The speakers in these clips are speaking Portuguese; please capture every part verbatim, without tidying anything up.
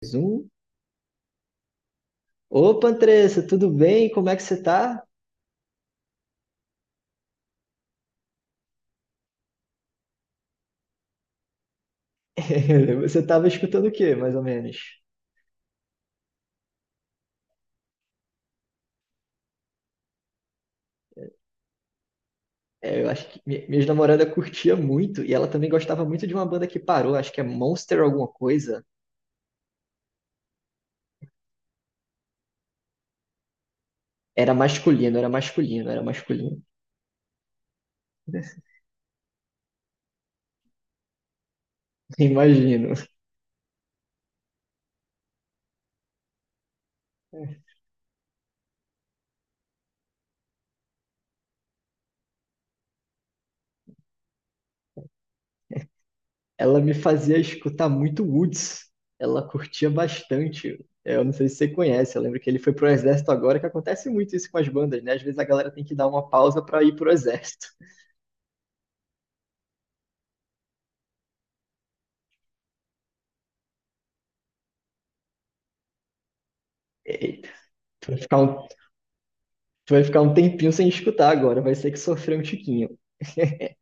Mais um. Opa, Andressa, tudo bem? Como é que você tá? Você tava escutando o quê, mais ou menos? É, eu acho que mi- minha namorada curtia muito e ela também gostava muito de uma banda que parou, acho que é Monster alguma coisa. Era masculino, era masculino, era masculino. Imagino. Ela me fazia escutar muito Woods. Ela curtia bastante. É, eu não sei se você conhece, eu lembro que ele foi pro exército agora, que acontece muito isso com as bandas, né? Às vezes a galera tem que dar uma pausa pra ir pro exército. Eita, pra ficar um tu vai ficar um tempinho sem escutar agora, vai ter que sofrer um tiquinho.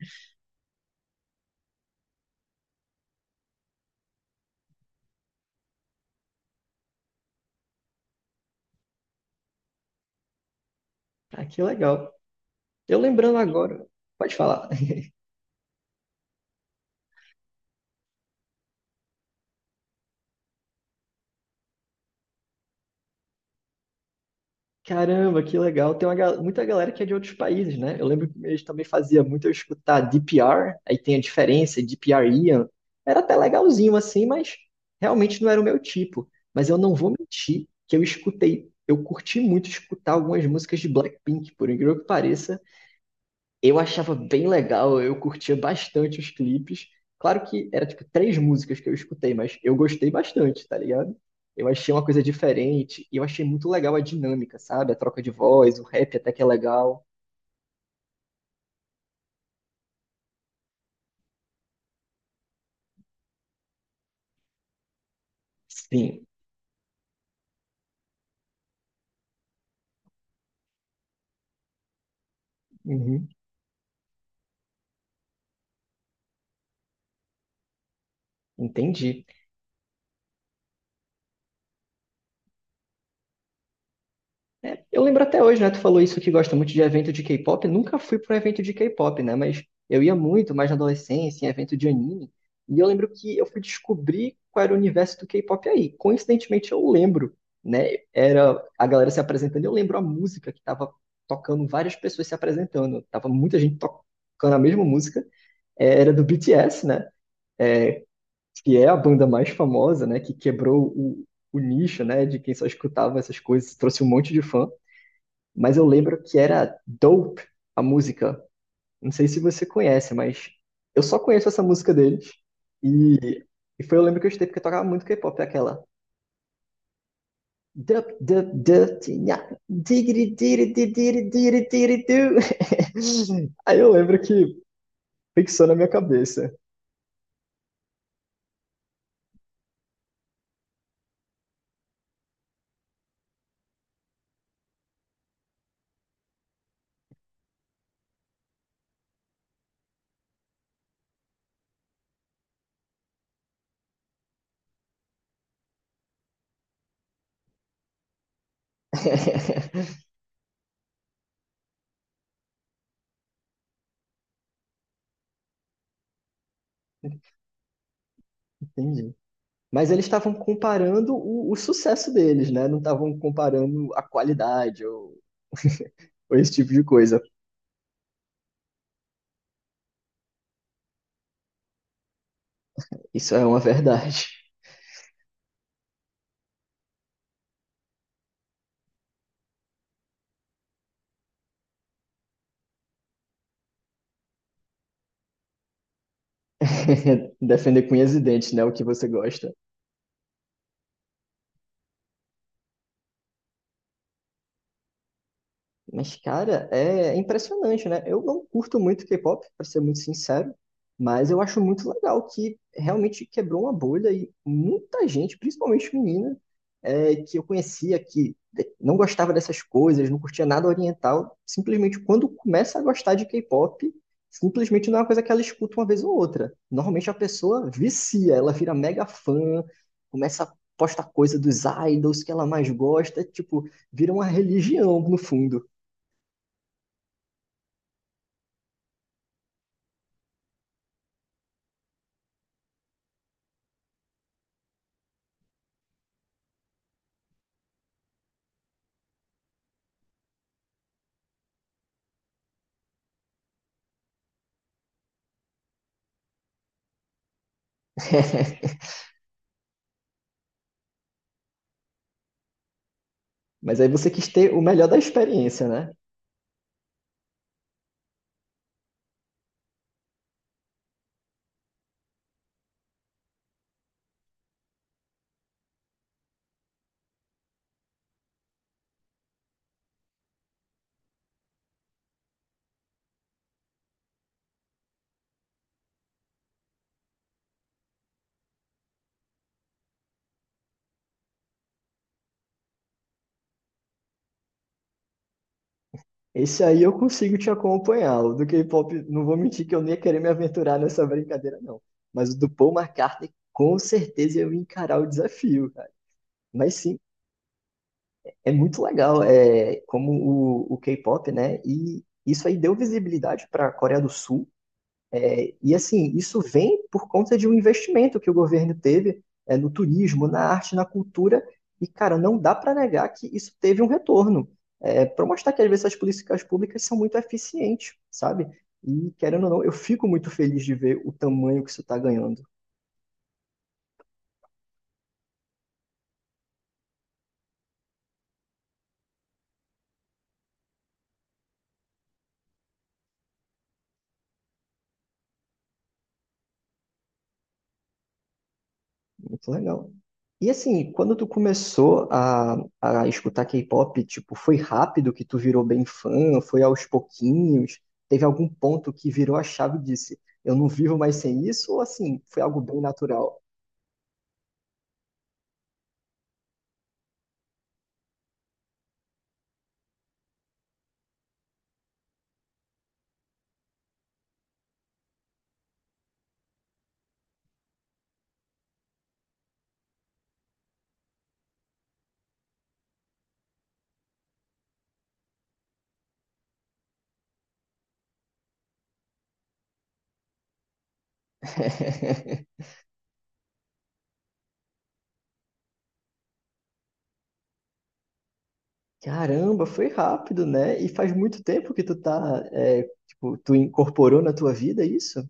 Ah, que legal. Eu lembrando agora, pode falar. Caramba, que legal. Tem uma, gal- muita galera que é de outros países, né? Eu lembro que eles também fazia muito eu escutar D P R, aí tem a diferença, D P R Ian. Era até legalzinho assim, mas realmente não era o meu tipo. Mas eu não vou mentir que eu escutei, eu curti muito escutar algumas músicas de Blackpink, por incrível que pareça. Eu achava bem legal, eu curtia bastante os clipes. Claro que era tipo três músicas que eu escutei, mas eu gostei bastante, tá ligado? Eu achei uma coisa diferente e eu achei muito legal a dinâmica, sabe? A troca de voz, o rap até que é legal. Sim, uhum, entendi. É, eu lembro até hoje, né? Tu falou isso que gosta muito de evento de K-pop. Nunca fui para evento de K-pop, né? Mas eu ia muito mais na adolescência, em evento de anime. E eu lembro que eu fui descobrir qual era o universo do K-pop aí. Coincidentemente, eu lembro, né? Era a galera se apresentando. Eu lembro a música que tava tocando, várias pessoas se apresentando. Tava muita gente tocando a mesma música. É, era do B T S, né? Que é a banda mais famosa, né? Que quebrou o, o nicho, né? De quem só escutava essas coisas, trouxe um monte de fã, mas eu lembro que era Dope a música. Não sei se você conhece, mas eu só conheço essa música deles. E, e foi, eu lembro que eu escutei porque eu tocava muito K-pop, é aquela. Dup, dup, dup, tinha, digiri, diri, di, diri, diri, diri, du. Aí eu lembro que fixou na minha cabeça. Entendi. Mas eles estavam comparando o, o sucesso deles, né? Não estavam comparando a qualidade ou, ou esse tipo de coisa. Isso é uma verdade. Defender com unhas e dentes, né? O que você gosta. Mas, cara, é impressionante, né? Eu não curto muito K-pop, pra ser muito sincero, mas eu acho muito legal que realmente quebrou uma bolha e muita gente, principalmente menina, é, que eu conhecia, que não gostava dessas coisas, não curtia nada oriental, simplesmente quando começa a gostar de K-pop, simplesmente não é uma coisa que ela escuta uma vez ou outra. Normalmente a pessoa vicia, ela vira mega fã, começa a postar coisa dos idols que ela mais gosta, tipo, vira uma religião no fundo. Mas aí você quis ter o melhor da experiência, né? Esse aí eu consigo te acompanhar. O do K-pop, não vou mentir que eu nem ia querer me aventurar nessa brincadeira, não. Mas o do Paul McCartney, com certeza eu ia encarar o desafio, cara. Mas sim, é muito legal, é como o, o K-pop, né? E isso aí deu visibilidade para a Coreia do Sul. É, e assim, isso vem por conta de um investimento que o governo teve é, no turismo, na arte, na cultura, e cara, não dá para negar que isso teve um retorno. É, para mostrar que às vezes as políticas públicas são muito eficientes, sabe? E querendo ou não, eu fico muito feliz de ver o tamanho que isso está ganhando. Muito legal. E assim, quando tu começou a, a escutar K-pop, tipo, foi rápido que tu virou bem fã? Foi aos pouquinhos? Teve algum ponto que virou a chave e disse, eu não vivo mais sem isso? Ou assim, foi algo bem natural? Caramba, foi rápido, né? E faz muito tempo que tu tá, é, tipo, tu incorporou na tua vida isso?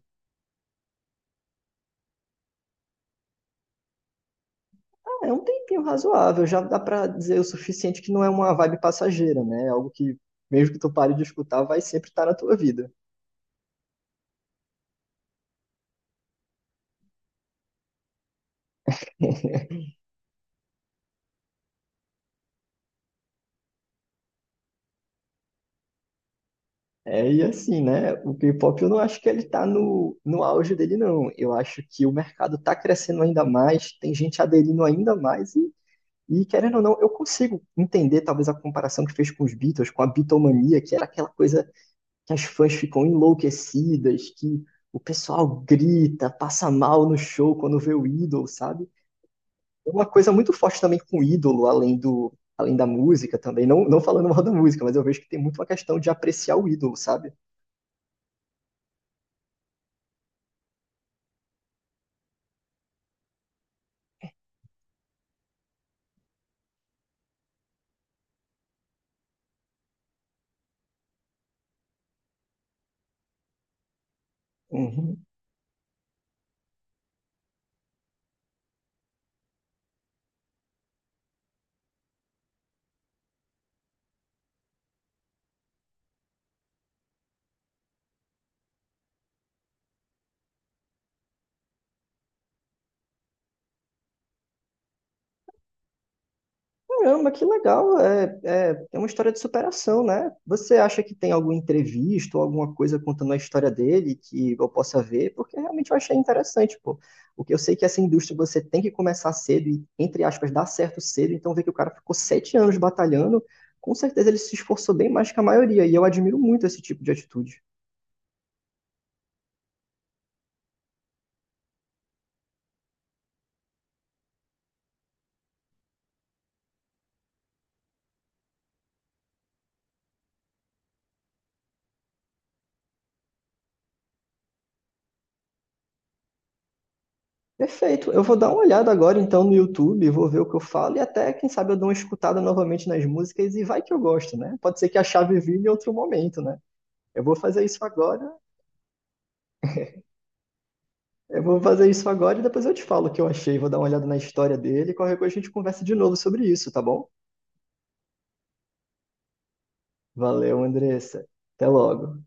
Ah, é um tempinho razoável, já dá pra dizer o suficiente que não é uma vibe passageira, né? É algo que, mesmo que tu pare de escutar, vai sempre estar na tua vida. É, e assim, né? O K-pop eu não acho que ele tá no, no auge dele, não. Eu acho que o mercado tá crescendo ainda mais, tem gente aderindo ainda mais, e, e querendo ou não, eu consigo entender talvez a comparação que fez com os Beatles, com a Beatlemania, que era aquela coisa que as fãs ficam enlouquecidas, que o pessoal grita, passa mal no show quando vê o ídolo, sabe? É uma coisa muito forte também com o ídolo, além do. Além da música também, não, não falando mal da música, mas eu vejo que tem muito uma questão de apreciar o ídolo, sabe? Uhum. Caramba, que legal. É, é, é uma história de superação, né? Você acha que tem alguma entrevista ou alguma coisa contando a história dele que eu possa ver? Porque realmente eu achei interessante, pô. Porque eu sei que essa indústria você tem que começar cedo e, entre aspas, dar certo cedo. Então, ver que o cara ficou sete anos batalhando, com certeza ele se esforçou bem mais que a maioria. E eu admiro muito esse tipo de atitude. Perfeito. Eu vou dar uma olhada agora então no YouTube, vou ver o que eu falo e até, quem sabe, eu dou uma escutada novamente nas músicas e vai que eu gosto, né? Pode ser que a chave vire em outro momento, né? Eu vou fazer isso agora, eu vou fazer isso agora e depois eu te falo o que eu achei, vou dar uma olhada na história dele e qualquer coisa a gente conversa de novo sobre isso, tá bom? Valeu, Andressa. Até logo.